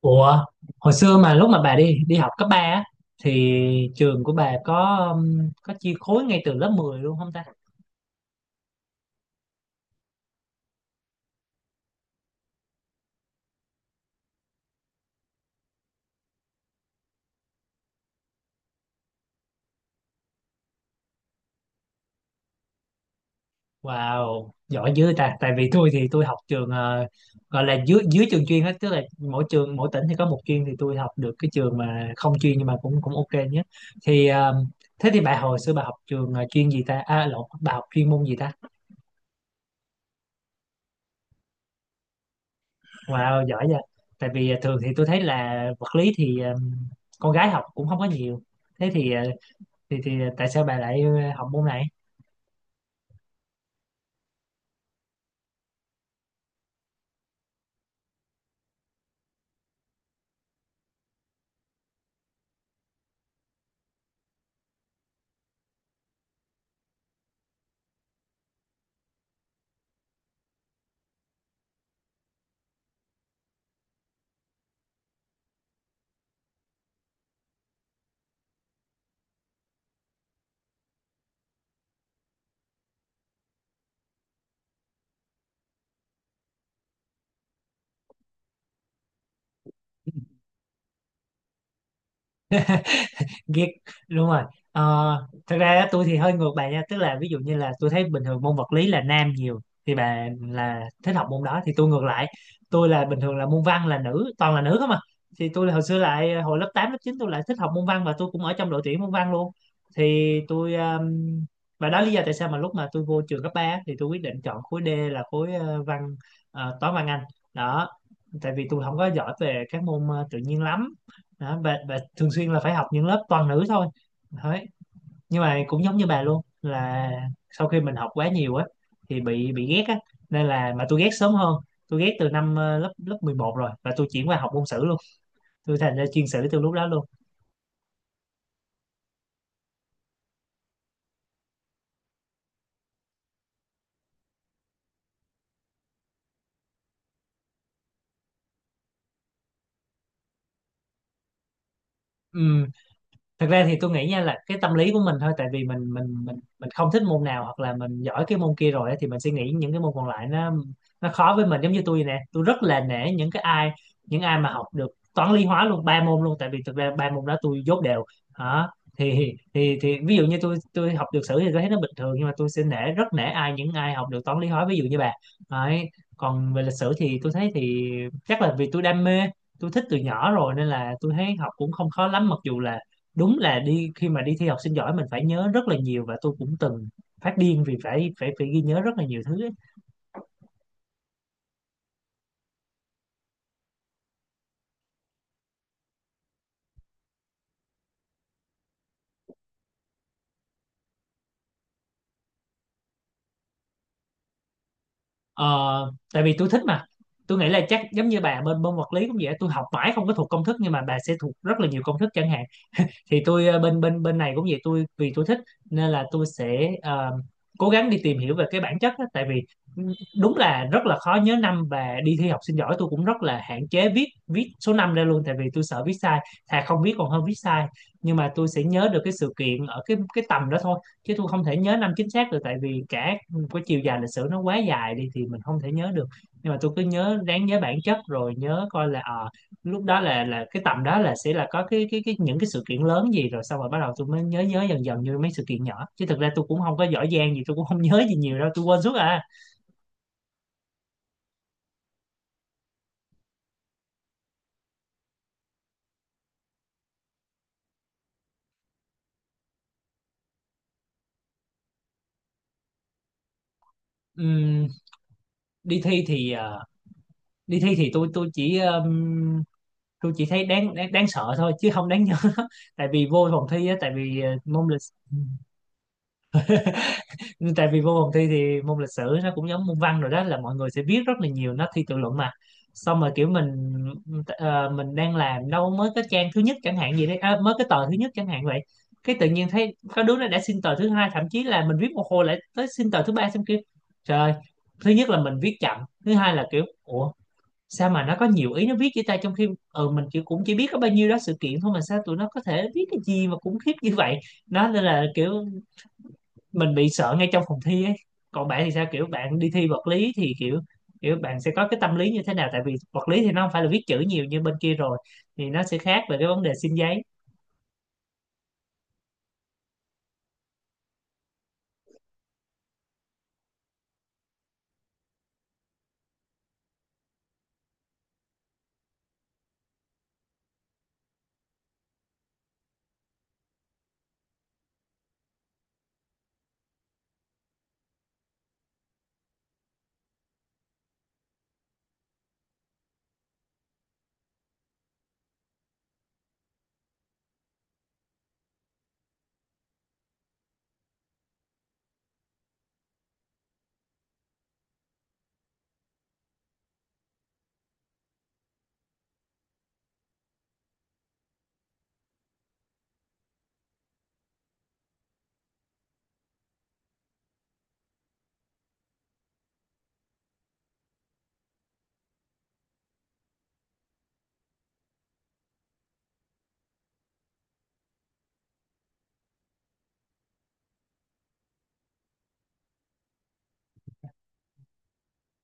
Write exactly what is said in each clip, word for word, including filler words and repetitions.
Ủa, hồi xưa mà lúc mà bà đi đi học cấp ba á thì trường của bà có um, có chia khối ngay từ lớp mười luôn không ta? Wow, giỏi dữ ta. Tại vì tôi thì tôi học trường ờ, gọi là dưới dưới trường chuyên hết, tức là mỗi trường mỗi tỉnh thì có một chuyên thì tôi học được cái trường mà không chuyên nhưng mà cũng cũng ok nhé. Thì ờ, thế thì bà hồi xưa bà học trường ờ, chuyên gì ta? À lộn, bà học chuyên môn gì ta? Wow, giỏi vậy. Tại vì ờ, thường thì tôi thấy là vật lý thì ờ, con gái học cũng không có nhiều, thế thì ờ, thì thì tại sao bà lại ờ, học môn này? Ghét, đúng rồi. Ờ, thật ra á, tôi thì hơi ngược bà nha, tức là ví dụ như là tôi thấy bình thường môn vật lý là nam nhiều, thì bà là thích học môn đó thì tôi ngược lại, tôi là bình thường là môn văn là nữ, toàn là nữ không à. Thì tôi hồi xưa lại ờ, hồi lớp tám lớp chín tôi lại thích học môn văn và tôi cũng ở trong đội tuyển môn văn luôn. Thì tôi um, và đó là lý do tại sao mà lúc mà tôi vô trường cấp ba thì tôi quyết định chọn khối D là khối ờ, văn, ờ, toán văn Anh, đó, tại vì tôi không có giỏi về các môn ờ, tự nhiên lắm. Đó, bà, bà thường xuyên là phải học những lớp toàn nữ thôi đấy. Nhưng mà cũng giống như bà luôn là sau khi mình học quá nhiều á thì bị bị ghét á, nên là mà tôi ghét sớm hơn, tôi ghét từ năm ờ, lớp lớp mười một rồi và tôi chuyển qua học môn sử luôn, tôi thành ra chuyên sử từ lúc đó luôn. Ừ, thật ra thì tôi nghĩ nha là cái tâm lý của mình thôi, tại vì mình mình mình mình không thích môn nào hoặc là mình giỏi cái môn kia rồi ấy, thì mình sẽ nghĩ những cái môn còn lại nó nó khó với mình. Giống như tôi vậy nè, tôi rất là nể những cái ai, những ai mà học được toán lý hóa luôn, ba môn luôn, tại vì thực ra ba môn đó tôi dốt đều. Đó, thì thì thì ví dụ như tôi tôi học được sử thì tôi thấy nó bình thường nhưng mà tôi sẽ nể, rất nể ai, những ai học được toán lý hóa, ví dụ như bà. Đấy, còn về lịch sử thì tôi thấy thì chắc là vì tôi đam mê, tôi thích từ nhỏ rồi nên là tôi thấy học cũng không khó lắm, mặc dù là đúng là đi khi mà đi thi học sinh giỏi mình phải nhớ rất là nhiều và tôi cũng từng phát điên vì phải phải phải ghi nhớ rất là nhiều thứ ấy. Ờ, tại vì tôi thích mà, tôi nghĩ là chắc giống như bà bên môn vật lý cũng vậy, tôi học mãi không có thuộc công thức nhưng mà bà sẽ thuộc rất là nhiều công thức chẳng hạn. Thì tôi ờ, bên bên bên này cũng vậy, tôi vì tôi thích nên là tôi sẽ ờ, cố gắng đi tìm hiểu về cái bản chất á. Tại vì đúng là rất là khó nhớ năm và đi thi học sinh giỏi tôi cũng rất là hạn chế viết viết số năm ra luôn, tại vì tôi sợ viết sai, thà không viết còn hơn viết sai. Nhưng mà tôi sẽ nhớ được cái sự kiện ở cái cái tầm đó thôi chứ tôi không thể nhớ năm chính xác được, tại vì cả cái chiều dài lịch sử nó quá dài đi thì mình không thể nhớ được. Nhưng mà tôi cứ nhớ, ráng nhớ bản chất rồi nhớ coi là ờ lúc đó là là cái tầm đó là sẽ là có cái cái cái những cái sự kiện lớn gì, rồi xong rồi bắt đầu tôi mới nhớ, nhớ dần dần như mấy sự kiện nhỏ, chứ thực ra tôi cũng không có giỏi giang gì, tôi cũng không nhớ gì nhiều đâu, tôi quên suốt à. Ừm, đi thi thì ờ, đi thi thì tôi tôi chỉ ừm, tôi chỉ thấy đáng, đáng đáng sợ thôi chứ không đáng nhớ tại vì vô phòng thi á, tại vì ờ, môn lịch. Nhưng tại vì vô phòng thi thì môn lịch sử nó cũng giống môn văn rồi, đó là mọi người sẽ biết rất là nhiều, nó thi tự luận mà, xong rồi kiểu mình ờ, mình đang làm đâu mới cái trang thứ nhất chẳng hạn gì đấy, à, mới cái tờ thứ nhất chẳng hạn vậy, cái tự nhiên thấy có đứa nó đã xin tờ thứ hai, thậm chí là mình viết một hồi lại tới xin tờ thứ ba, xong kiểu trời ơi, thứ nhất là mình viết chậm, thứ hai là kiểu ủa sao mà nó có nhiều ý nó viết với ta, trong khi ừ, mình chỉ, cũng chỉ biết có bao nhiêu đó sự kiện thôi mà sao tụi nó có thể viết cái gì mà khủng khiếp như vậy. Nó nên là kiểu mình bị sợ ngay trong phòng thi ấy. Còn bạn thì sao, kiểu bạn đi thi vật lý thì kiểu, kiểu bạn sẽ có cái tâm lý như thế nào, tại vì vật lý thì nó không phải là viết chữ nhiều như bên kia rồi thì nó sẽ khác về cái vấn đề xin giấy.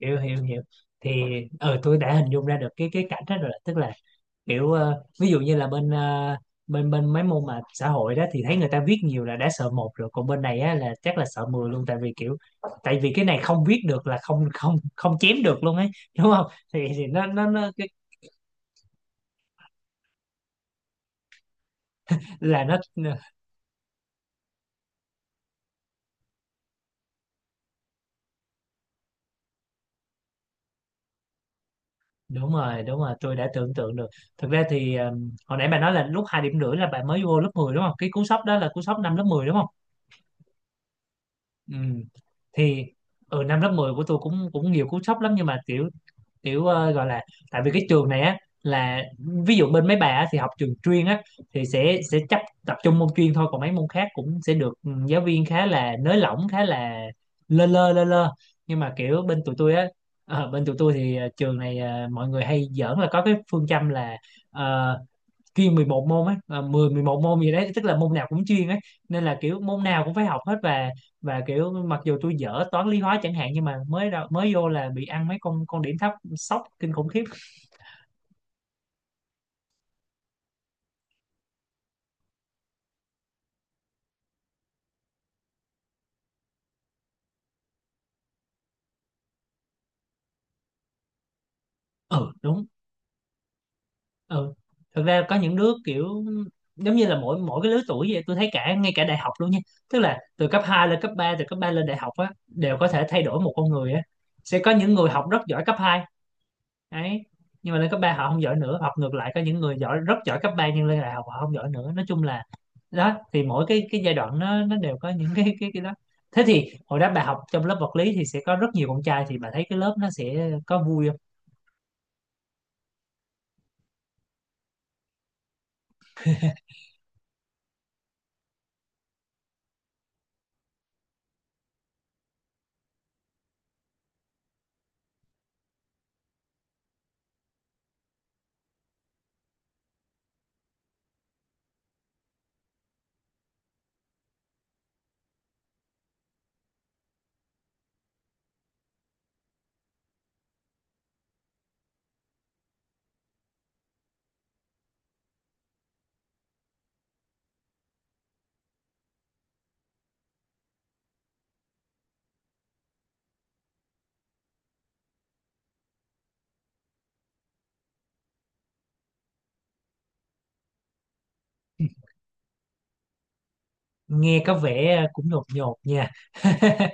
Hiểu hiểu hiểu Thì ờ tôi đã hình dung ra được cái cái cảnh đó rồi, tức là kiểu ờ, ví dụ như là bên ờ, bên bên mấy môn mà xã hội đó thì thấy người ta viết nhiều là đã sợ một rồi, còn bên này á là chắc là sợ mười luôn, tại vì kiểu, tại vì cái này không viết được là không không không chém được luôn ấy, đúng không? Thì, thì nó nó nó cái, là nó. Đúng rồi, đúng rồi, tôi đã tưởng tượng được. Thực ra thì um, hồi nãy bà nói là lúc hai điểm rưỡi là bà mới vô lớp mười đúng không, cái cú sốc đó là cú sốc năm lớp mười đúng không? Ừ. Thì ở năm lớp mười của tôi cũng cũng nhiều cú sốc lắm, nhưng mà kiểu, kiểu ờ, gọi là, tại vì cái trường này á là, ví dụ bên mấy bà á, thì học trường chuyên á thì sẽ sẽ chấp, tập trung môn chuyên thôi, còn mấy môn khác cũng sẽ được ừ, giáo viên khá là nới lỏng, khá là lơ lơ lơ lơ. Nhưng mà kiểu bên tụi tôi á, ờ, bên tụi tôi thì ờ, trường này ờ, mọi người hay giỡn là có cái phương châm là ờ, chuyên mười một môn ấy, à, mười mười một môn gì đấy, tức là môn nào cũng chuyên ấy, nên là kiểu môn nào cũng phải học hết. Và và kiểu mặc dù tôi dở toán lý hóa chẳng hạn, nhưng mà mới ra- mới vô là bị ăn mấy con con điểm thấp, sốc kinh khủng khiếp. Ừ đúng. Ừ, thật ra có những đứa kiểu, giống như là mỗi mỗi cái lứa tuổi vậy, tôi thấy cả ngay cả đại học luôn nha, tức là từ cấp hai lên cấp ba, từ cấp ba lên đại học á đều có thể thay đổi một con người á. Sẽ có những người học rất giỏi cấp hai đấy, nhưng mà lên cấp ba họ không giỏi nữa, học ngược lại có những người giỏi, rất giỏi cấp ba nhưng lên đại học họ không giỏi nữa, nói chung là đó, thì mỗi cái cái giai đoạn nó nó đều có những cái cái cái đó. Thế thì hồi đó bà học trong lớp vật lý thì sẽ có rất nhiều con trai, thì bà thấy cái lớp nó sẽ có vui không? Nghe có vẻ cũng nhột nhột nha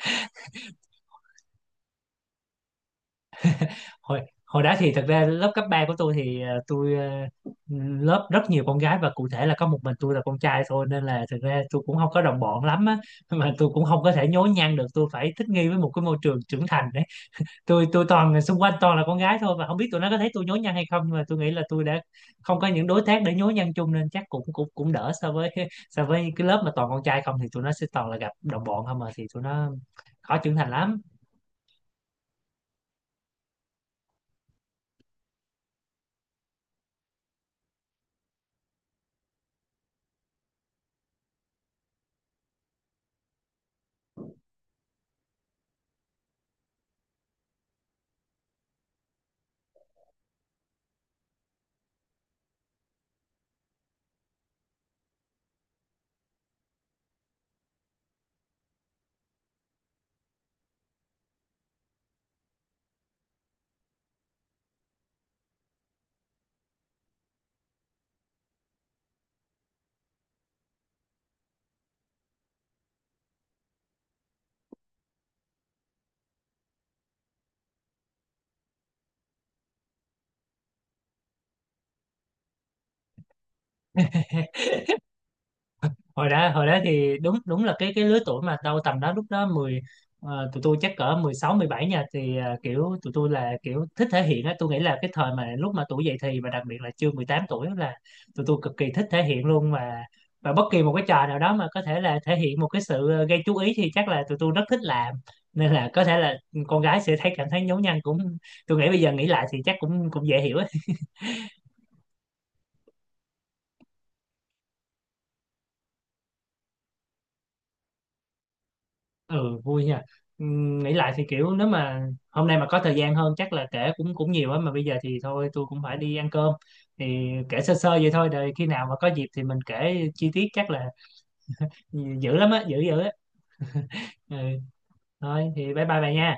hồi hồi đó thì thật ra lớp cấp ba của tôi thì ờ, tôi ờ, lớp rất nhiều con gái và cụ thể là có một mình tôi là con trai thôi, nên là thực ra tôi cũng không có đồng bọn lắm á mà tôi cũng không có thể nhố nhăng được, tôi phải thích nghi với một cái môi trường trưởng thành đấy. Tôi tôi toàn, xung quanh toàn là con gái thôi và không biết tụi nó có thấy tôi nhố nhăng hay không, nhưng mà tôi nghĩ là tôi đã không có những đối tác để nhố nhăng chung nên chắc cũng cũng cũng đỡ so với so với cái lớp mà toàn con trai không thì tụi nó sẽ toàn là gặp đồng bọn không mà, thì tụi nó khó trưởng thành lắm. hồi đó hồi đó thì đúng đúng là cái cái lứa tuổi mà tao tầm đó lúc đó mười, ờ, tụi tôi chắc cỡ mười sáu mười bảy nha, thì ờ, kiểu tụi tôi là kiểu thích thể hiện á, tôi nghĩ là cái thời mà lúc mà tuổi dậy thì và đặc biệt là chưa mười tám tuổi là tụi tôi cực kỳ thích thể hiện luôn mà. Và bất kỳ một cái trò nào đó mà có thể là thể hiện một cái sự ờ, gây chú ý thì chắc là tụi tôi rất thích làm, nên là có thể là con gái sẽ thấy, cảm thấy nhố nhăng, cũng, tôi nghĩ bây giờ nghĩ lại thì chắc cũng cũng dễ hiểu. Ừ vui nha. Ừm, nghĩ lại thì kiểu nếu mà hôm nay mà có thời gian hơn chắc là kể cũng cũng nhiều á, mà bây giờ thì thôi tôi cũng phải đi ăn cơm, thì kể sơ sơ vậy thôi, rồi khi nào mà có dịp thì mình kể chi tiết chắc là dữ lắm á, dữ dữ á. Ừ. Thôi thì bye bye bà nha.